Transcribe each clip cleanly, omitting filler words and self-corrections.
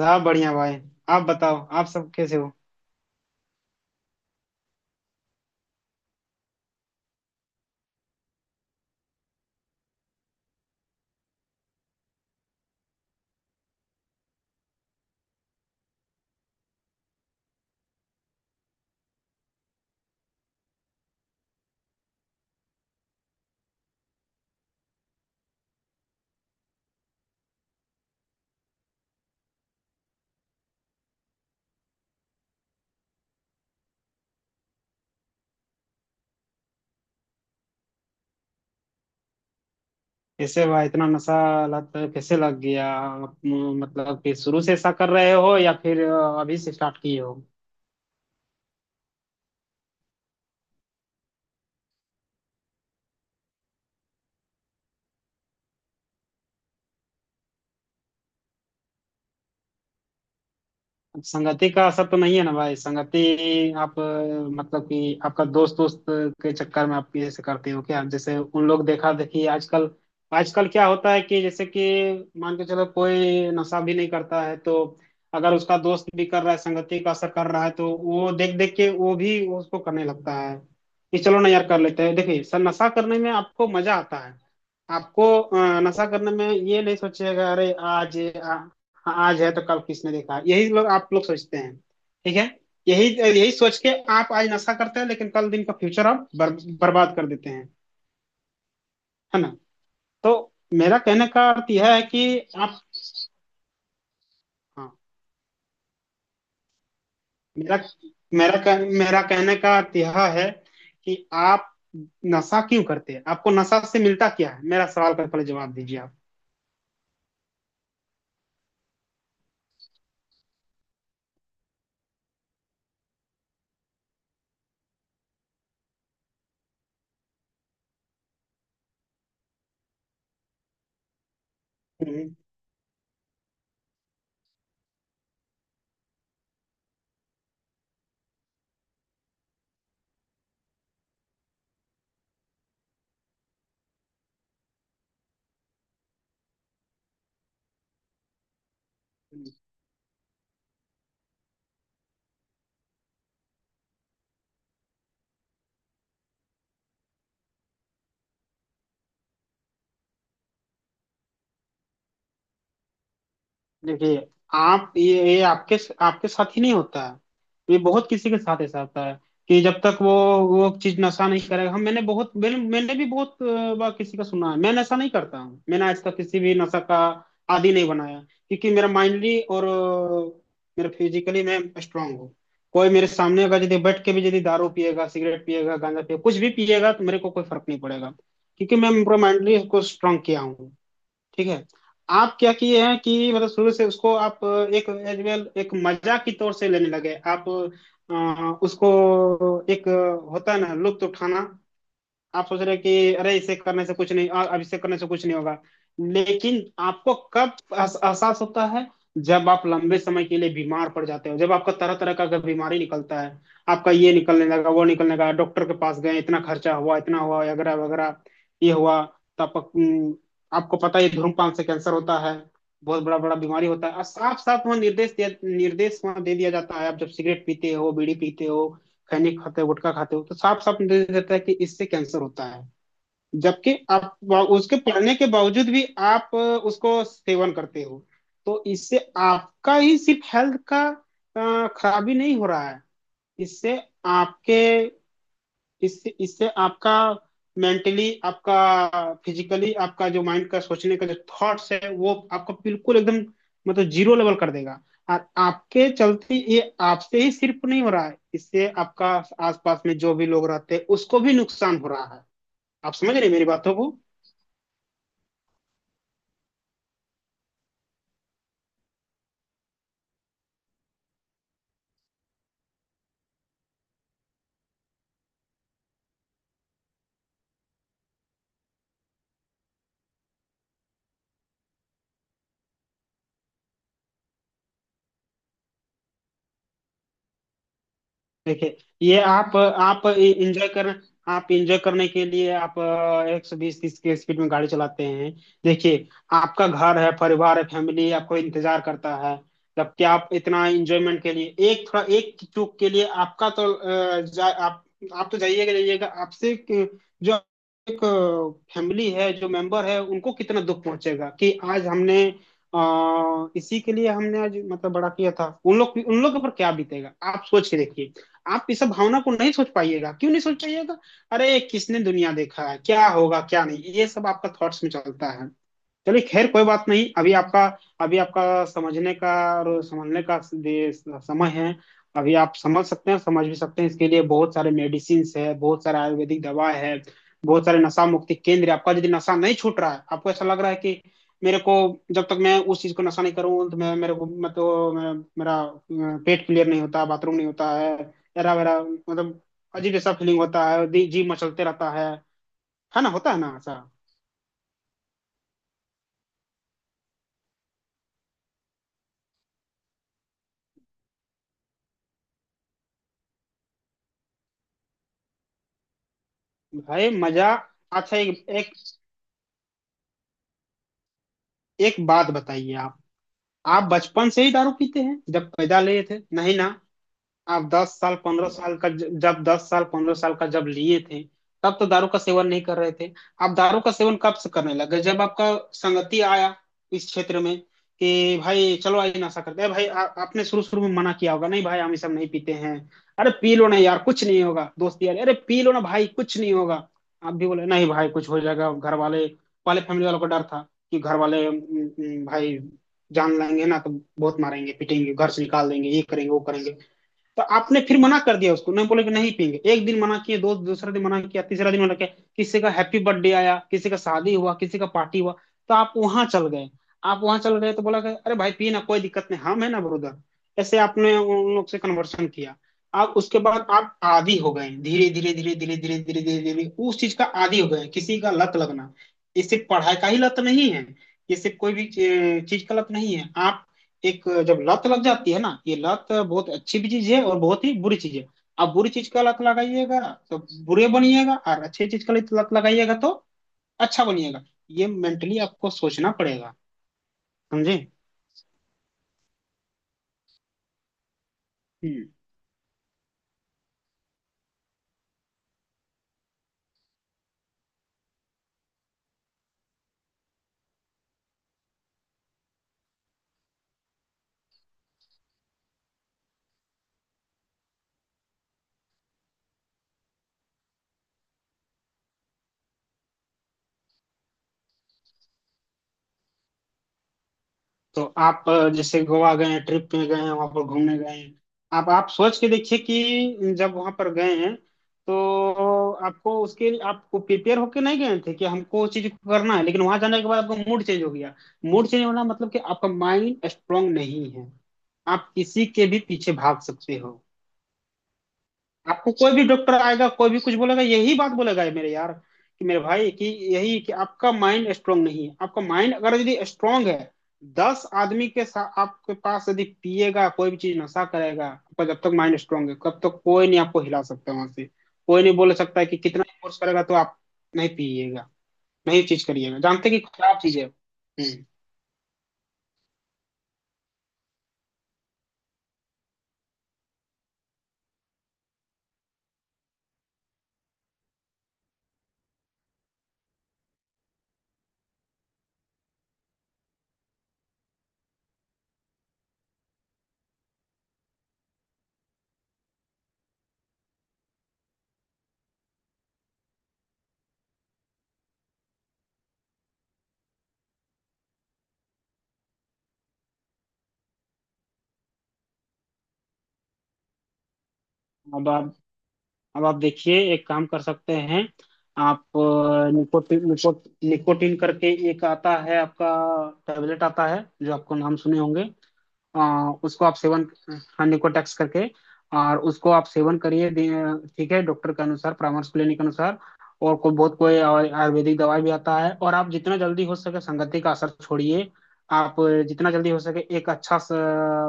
सब बढ़िया भाई। आप बताओ आप सब कैसे हो। कैसे भाई इतना नशा। लत कैसे लग गया आप, मतलब कि शुरू से ऐसा कर रहे हो या फिर अभी से स्टार्ट किए हो। अब संगति का असर तो नहीं है ना भाई। संगति आप मतलब कि आपका दोस्त दोस्त के चक्कर में आप ये ऐसे करते हो क्या जैसे उन लोग देखा देखी। आजकल आजकल क्या होता है कि जैसे कि मान के चलो कोई नशा भी नहीं करता है तो अगर उसका दोस्त भी कर रहा है संगति का असर कर रहा है तो वो देख देख के वो भी उसको करने लगता है कि चलो ना यार कर लेते हैं। देखिए सर नशा करने में आपको मजा आता है। आपको नशा करने में ये नहीं सोचिएगा अरे आज। हाँ। आज है तो कल किसने देखा। यही लोग आप लोग सोचते हैं। ठीक है। यही यही सोच के आप आज नशा करते हैं लेकिन कल दिन का फ्यूचर आप बर्बाद कर देते हैं। है ना। तो मेरा कहने का अर्थ यह है कि आप। हाँ। मेरा मेरा कह, मेरा कहने का अर्थ यह है कि आप नशा क्यों करते हैं। आपको नशा से मिलता क्या है। मेरा सवाल का पहले जवाब दीजिए आप। हम्म। देखिए आप ये आपके आपके साथ ही नहीं होता है। ये बहुत किसी के साथ ऐसा होता है कि जब तक वो चीज नशा नहीं करेगा। हम मैंने बहुत मैंने, मैंने भी बहुत बार किसी का सुना है। मैं नशा नहीं करता हूँ। मैंने आज तक किसी भी नशा का आदी नहीं बनाया। क्योंकि मेरा माइंडली और मेरा फिजिकली मैं स्ट्रांग हूँ। कोई मेरे सामने अगर यदि बैठ के भी यदि दारू पिएगा सिगरेट पिएगा गांजा पिएगा कुछ भी पिएगा तो मेरे को कोई फर्क नहीं पड़ेगा। क्योंकि मैं पूरा माइंडली इसको स्ट्रांग किया हूँ। ठीक है। आप क्या किए हैं कि मतलब शुरू से उसको आप एक एज वेल एक मजाक की तौर से लेने लगे आप उसको एक होता है ना लुत्फ उठाना। आप सोच रहे हैं कि अरे इसे करने से कुछ नहीं अब इसे करने से कुछ नहीं होगा। लेकिन आपको कब एहसास होता है जब आप लंबे समय के लिए बीमार पड़ जाते हो जब आपका तरह तरह का अगर बीमारी निकलता है। आपका ये निकलने लगा वो निकलने लगा डॉक्टर के पास गए इतना खर्चा हुआ इतना हुआ वगैरह वगैरह ये हुआ। तो आपको आपको पता है धूम्रपान से कैंसर होता है। बहुत बड़ा बड़ा बीमारी होता है। साफ साफ वहाँ निर्देश दिया निर्देश वहाँ दे दिया जाता है। आप जब सिगरेट पीते हो बीड़ी पीते हो खैनी खाते हो गुटखा खाते हो तो साफ साफ निर्देश देता है कि इससे कैंसर होता है। जबकि आप उसके पढ़ने के बावजूद भी आप उसको सेवन करते हो। तो इससे आपका ही सिर्फ हेल्थ का खराबी नहीं हो रहा है। इससे आपके इससे इससे आपका मेंटली आपका फिजिकली आपका जो माइंड का सोचने का जो थॉट्स है वो आपको बिल्कुल एकदम मतलब जीरो लेवल कर देगा। और आपके चलते ये आपसे ही सिर्फ नहीं हो रहा है। इससे आपका आसपास में जो भी लोग रहते हैं उसको भी नुकसान हो रहा है। आप समझ रहे हैं मेरी बातों को। देखिए ये आप इंजॉय कर आप इंजॉय करने के लिए आप 120-130 की स्पीड में गाड़ी चलाते हैं। देखिए आपका घर है परिवार है फैमिली आपको इंतजार करता है। जबकि आप इतना एंजॉयमेंट के लिए एक थोड़ा एक चूक के लिए आपका तो आप तो जाइएगा जाइएगा आपसे जो एक फैमिली है जो मेंबर है उनको कितना दुख पहुंचेगा कि आज हमने इसी के लिए हमने आज मतलब बड़ा किया था। उन लोग के ऊपर क्या बीतेगा आप सोच के देखिए। आप इस भावना को नहीं सोच पाइएगा। क्यों नहीं सोच पाइएगा। अरे किसने दुनिया देखा है क्या होगा क्या नहीं ये सब आपका थॉट्स में चलता है। चलिए खैर कोई बात नहीं। अभी आपका समझने का और समझने का समय है। अभी आप समझ सकते हैं समझ भी सकते हैं। इसके लिए बहुत सारे मेडिसिन है बहुत सारे आयुर्वेदिक दवा है बहुत सारे नशा मुक्ति केंद्र है। आपका यदि नशा नहीं छूट रहा है आपको ऐसा लग रहा है कि मेरे को जब तक मैं उस चीज को नशा नहीं करूँ तो मैं मेरे को मतलब मेरा पेट क्लियर नहीं होता बाथरूम नहीं होता है। मेरा मेरा मतलब अजीब जैसा फीलिंग होता है। जी जी मचलते रहता है। है ना। होता है ना ऐसा। भाई मजा अच्छा एक एक एक बात बताइए आप। आप बचपन से ही दारू पीते हैं। जब पैदा लिए थे नहीं ना। आप 10 साल 15 साल का जब 10 साल 15 साल का जब लिए थे तब तो दारू का सेवन नहीं कर रहे थे। आप दारू का सेवन कब से करने लगे जब आपका संगति आया इस क्षेत्र में कि भाई चलो आज नशा करते हैं। भाई आपने शुरू शुरू में मना किया होगा। नहीं भाई हम ये सब नहीं पीते हैं। अरे पी लो ना यार कुछ नहीं होगा दोस्त यार। अरे पी लो ना भाई कुछ नहीं होगा। आप भी बोले नहीं भाई कुछ हो जाएगा घर वाले। पहले फैमिली वालों को डर था कि घर वाले भाई जान लेंगे ना तो बहुत मारेंगे पीटेंगे घर से निकाल देंगे ये करेंगे वो करेंगे। तो आपने फिर मना कर दिया उसको। नहीं बोले कि नहीं पियेंगे। एक दिन मना किए दो दूसरा दिन मना किया तीसरा दिन मना किया। किसी का हैप्पी बर्थडे आया किसी का शादी हुआ किसी का पार्टी हुआ तो आप वहां चल गए। आप वहां चल गए तो बोला कि अरे भाई पिए ना कोई दिक्कत नहीं हम है ना ब्रदर। ऐसे आपने उन लोग से कन्वर्सन किया। आप उसके बाद आप आदी हो गए धीरे धीरे धीरे धीरे धीरे धीरे धीरे धीरे उस चीज का आदी हो गए। किसी का लत लगना ये सिर्फ पढ़ाई का ही लत नहीं है। ये सिर्फ कोई भी चीज का लत नहीं है। आप एक जब लत लग जाती है ना ये लत बहुत अच्छी भी चीज है और बहुत ही बुरी चीज है। आप बुरी चीज का लत लगाइएगा तो बुरे बनिएगा और अच्छी चीज का लत लगाइएगा तो अच्छा बनिएगा। ये मेंटली आपको सोचना पड़ेगा। समझे। तो आप जैसे गोवा गए हैं ट्रिप पे गए हैं वहां पर घूमने गए हैं। आप सोच के देखिए कि जब वहां पर गए हैं तो आपको उसके लिए आपको प्रिपेयर होके नहीं गए थे कि हमको उस चीज को करना है। लेकिन वहां जाने के बाद आपका मूड चेंज हो गया। मूड चेंज होना मतलब कि आपका माइंड स्ट्रांग नहीं है। आप किसी के भी पीछे भाग सकते हो। आपको कोई भी डॉक्टर आएगा कोई भी कुछ बोलेगा यही बात बोलेगा। ये मेरे यार कि मेरे भाई कि यही कि आपका माइंड स्ट्रांग नहीं है। आपका माइंड अगर यदि स्ट्रांग है 10 आदमी के साथ आपके पास यदि पिएगा कोई भी चीज नशा करेगा आपका जब तक माइंड स्ट्रांग है तब तक कोई नहीं आपको हिला सकता वहां से। कोई नहीं बोल सकता है कि कितना फोर्स करेगा तो आप नहीं पिएगा नहीं चीज करिएगा। जानते हैं कि खराब चीज है। हम्म। अब आप अब आप देखिए एक काम कर सकते हैं। आप निकोटिन करके एक आता है आपका टैबलेट आता है जो आपको नाम सुने होंगे। उसको आप सेवन हाँ निकोटेक्स करके और उसको आप सेवन करिए ठीक है डॉक्टर के अनुसार परामर्श लेने के अनुसार। और कोई बहुत कोई आयुर्वेदिक दवाई भी आता है। और आप जितना जल्दी हो सके संगति का असर छोड़िए। आप जितना जल्दी हो सके एक अच्छा सा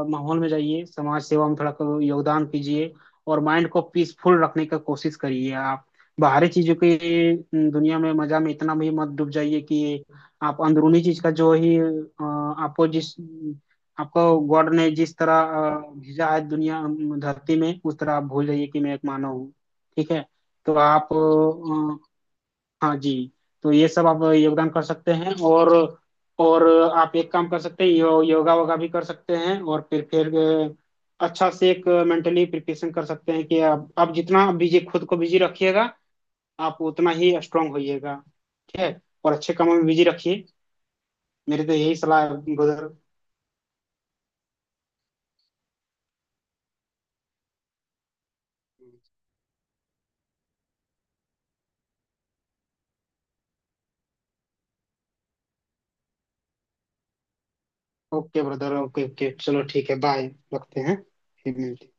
माहौल में जाइए। समाज सेवा में थोड़ा को योगदान कीजिए और माइंड को पीसफुल रखने का कोशिश करिए। आप बाहरी चीजों की दुनिया में मजा में इतना भी मत डूब जाइए कि आप अंदरूनी चीज का जो ही आपको जिस आपको गॉड ने जिस तरह भेजा है दुनिया धरती में उस तरह आप भूल जाइए कि मैं एक मानव हूँ। ठीक है। तो आप हाँ जी। तो ये सब आप योगदान कर सकते हैं। और और आप एक काम कर सकते हैं योगा वोगा भी कर सकते हैं और फिर अच्छा से एक मेंटली प्रिपरेशन कर सकते हैं कि आप जितना बिजी खुद को बिजी रखिएगा आप उतना ही स्ट्रांग होइएगा। ठीक है। और अच्छे कामों में बिजी रखिए। मेरी तो यही सलाह है brother. Okay brother okay okay चलो ठीक है बाय। रखते हैं। फिर मिलते हैं।